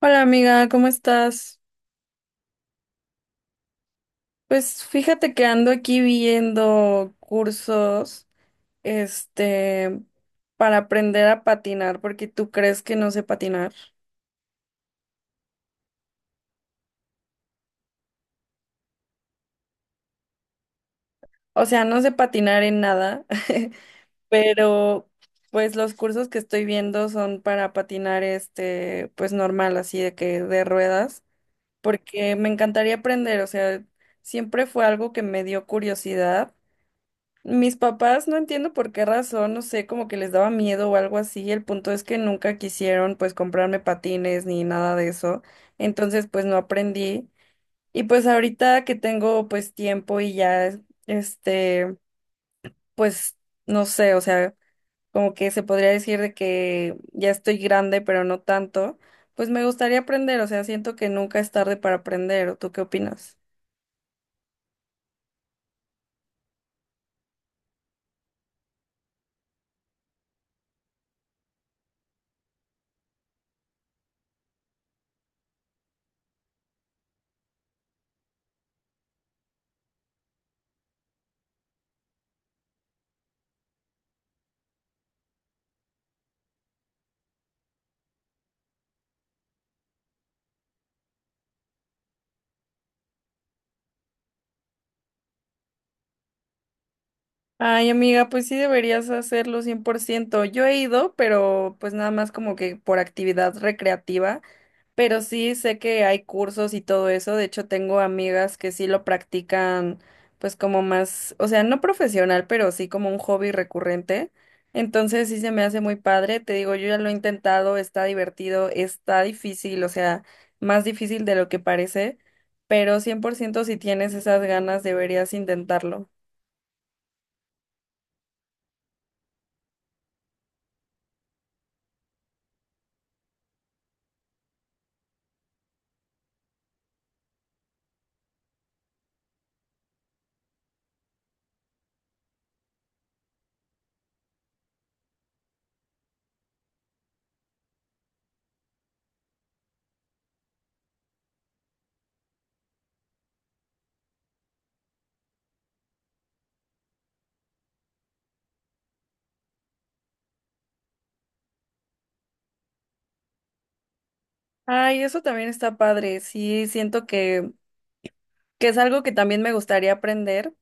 Hola amiga, ¿cómo estás? Pues fíjate que ando aquí viendo cursos, este, para aprender a patinar, porque tú crees que no sé patinar. O sea, no sé patinar en nada, pero pues los cursos que estoy viendo son para patinar, pues normal, así de que de ruedas, porque me encantaría aprender, o sea, siempre fue algo que me dio curiosidad. Mis papás, no entiendo por qué razón, no sé, como que les daba miedo o algo así. El punto es que nunca quisieron pues comprarme patines ni nada de eso. Entonces pues no aprendí. Y pues ahorita que tengo pues tiempo y ya, este pues no sé, o sea, como que se podría decir de que ya estoy grande, pero no tanto, pues me gustaría aprender, o sea, siento que nunca es tarde para aprender. ¿O tú qué opinas? Ay, amiga, pues sí deberías hacerlo 100%. Yo he ido, pero pues nada más como que por actividad recreativa, pero sí sé que hay cursos y todo eso. De hecho, tengo amigas que sí lo practican pues como más, o sea, no profesional, pero sí como un hobby recurrente. Entonces sí se me hace muy padre. Te digo, yo ya lo he intentado, está divertido, está difícil, o sea, más difícil de lo que parece, pero 100% si tienes esas ganas deberías intentarlo. Ay, eso también está padre. Sí, siento que es algo que también me gustaría aprender.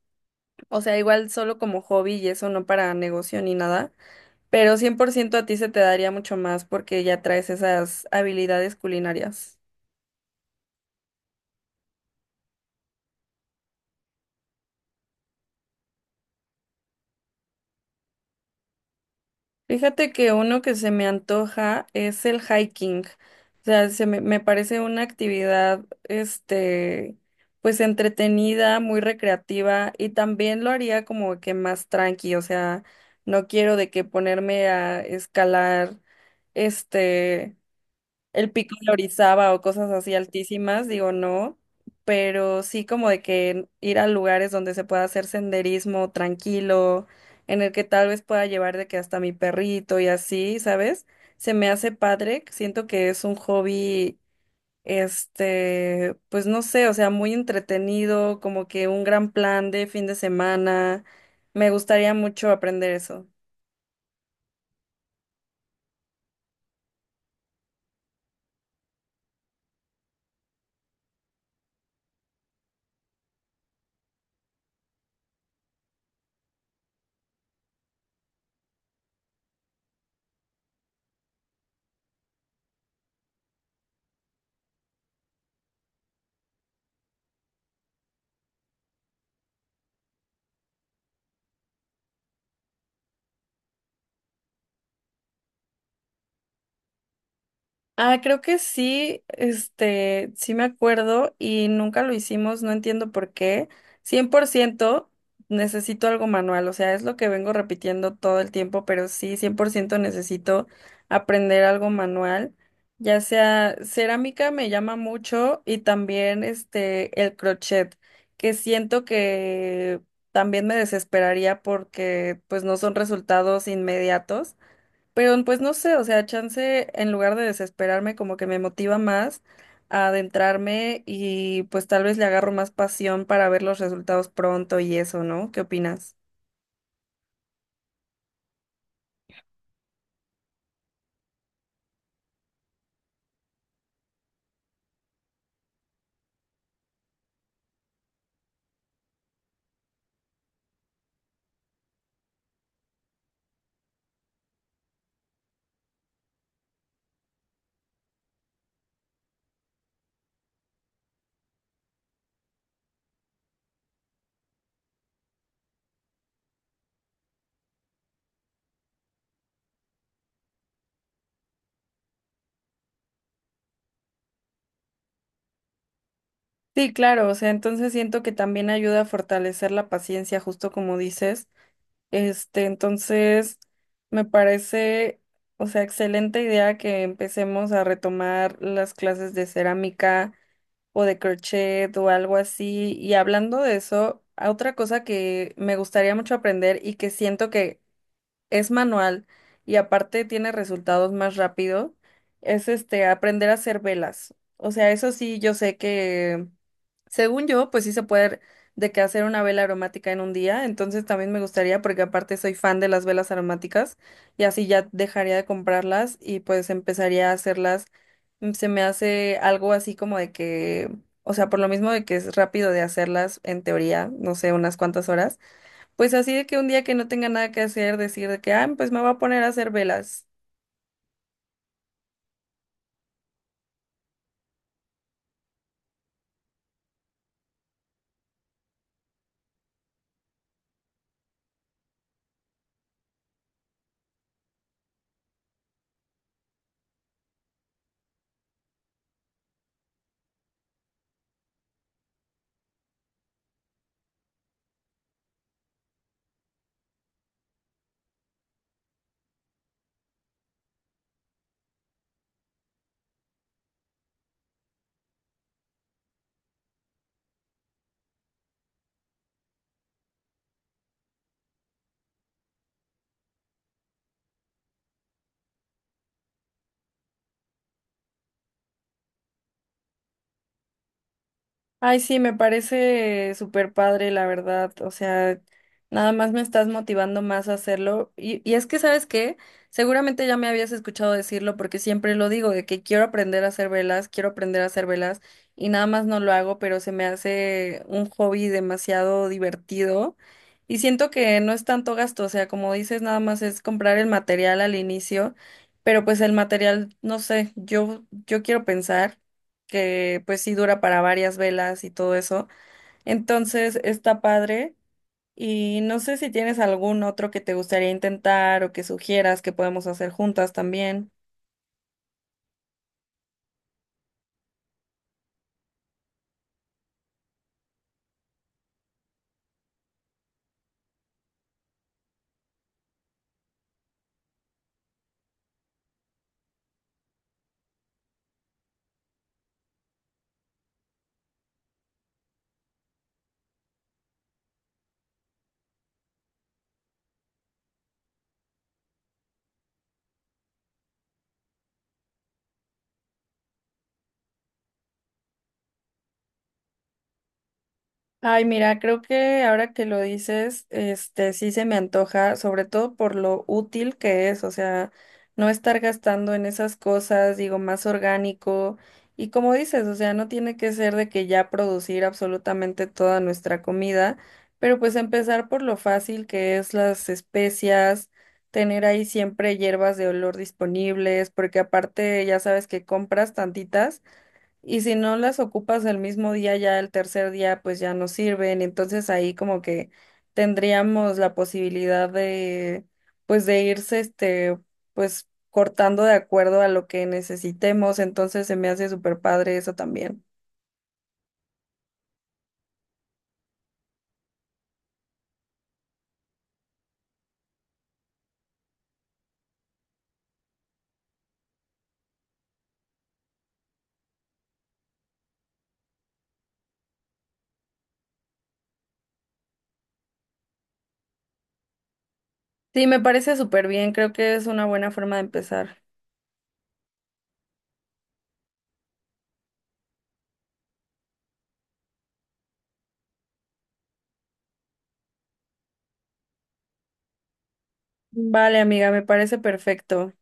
O sea, igual solo como hobby y eso, no para negocio ni nada. Pero 100% a ti se te daría mucho más porque ya traes esas habilidades culinarias. Fíjate que uno que se me antoja es el hiking. O sea, se me, me parece una actividad, pues entretenida, muy recreativa y también lo haría como que más tranqui. O sea, no quiero de que ponerme a escalar, este el pico de Orizaba o cosas así altísimas, digo no, pero sí como de que ir a lugares donde se pueda hacer senderismo tranquilo, en el que tal vez pueda llevar de que hasta mi perrito y así, ¿sabes? Se me hace padre, siento que es un hobby, pues no sé, o sea, muy entretenido, como que un gran plan de fin de semana. Me gustaría mucho aprender eso. Ah, creo que sí, sí me acuerdo y nunca lo hicimos, no entiendo por qué. 100% necesito algo manual, o sea, es lo que vengo repitiendo todo el tiempo, pero sí, 100% necesito aprender algo manual, ya sea cerámica me llama mucho, y también el crochet, que siento que también me desesperaría porque pues no son resultados inmediatos. Pero pues no sé, o sea, chance en lugar de desesperarme como que me motiva más a adentrarme y pues tal vez le agarro más pasión para ver los resultados pronto y eso, ¿no? ¿Qué opinas? Sí, claro, o sea, entonces siento que también ayuda a fortalecer la paciencia, justo como dices. Entonces, me parece, o sea, excelente idea que empecemos a retomar las clases de cerámica o de crochet o algo así. Y hablando de eso, a otra cosa que me gustaría mucho aprender y que siento que es manual y aparte tiene resultados más rápido, es aprender a hacer velas. O sea, eso sí, yo sé que, según yo, pues sí se puede de que hacer una vela aromática en un día, entonces también me gustaría porque aparte soy fan de las velas aromáticas y así ya dejaría de comprarlas y pues empezaría a hacerlas. Se me hace algo así como de que, o sea, por lo mismo de que es rápido de hacerlas en teoría, no sé, unas cuantas horas. Pues así de que un día que no tenga nada que hacer, decir de que, ah, pues me voy a poner a hacer velas. Ay, sí, me parece súper padre, la verdad. O sea, nada más me estás motivando más a hacerlo. Y es que, ¿sabes qué? Seguramente ya me habías escuchado decirlo porque siempre lo digo, de que quiero aprender a hacer velas, quiero aprender a hacer velas y nada más no lo hago, pero se me hace un hobby demasiado divertido. Y siento que no es tanto gasto, o sea, como dices, nada más es comprar el material al inicio, pero pues el material, no sé, yo quiero pensar que pues sí dura para varias velas y todo eso. Entonces está padre, y no sé si tienes algún otro que te gustaría intentar o que sugieras que podemos hacer juntas también. Ay, mira, creo que ahora que lo dices, este sí se me antoja, sobre todo por lo útil que es, o sea, no estar gastando en esas cosas, digo, más orgánico. Y como dices, o sea, no tiene que ser de que ya producir absolutamente toda nuestra comida, pero pues empezar por lo fácil que es las especias, tener ahí siempre hierbas de olor disponibles, porque aparte ya sabes que compras tantitas y si no las ocupas el mismo día, ya el tercer día, pues ya no sirven. Entonces ahí como que tendríamos la posibilidad de, pues de irse, pues cortando de acuerdo a lo que necesitemos. Entonces se me hace súper padre eso también. Sí, me parece súper bien. Creo que es una buena forma de empezar. Vale, amiga, me parece perfecto.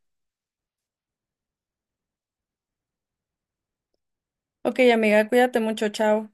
Ok, amiga, cuídate mucho. Chao.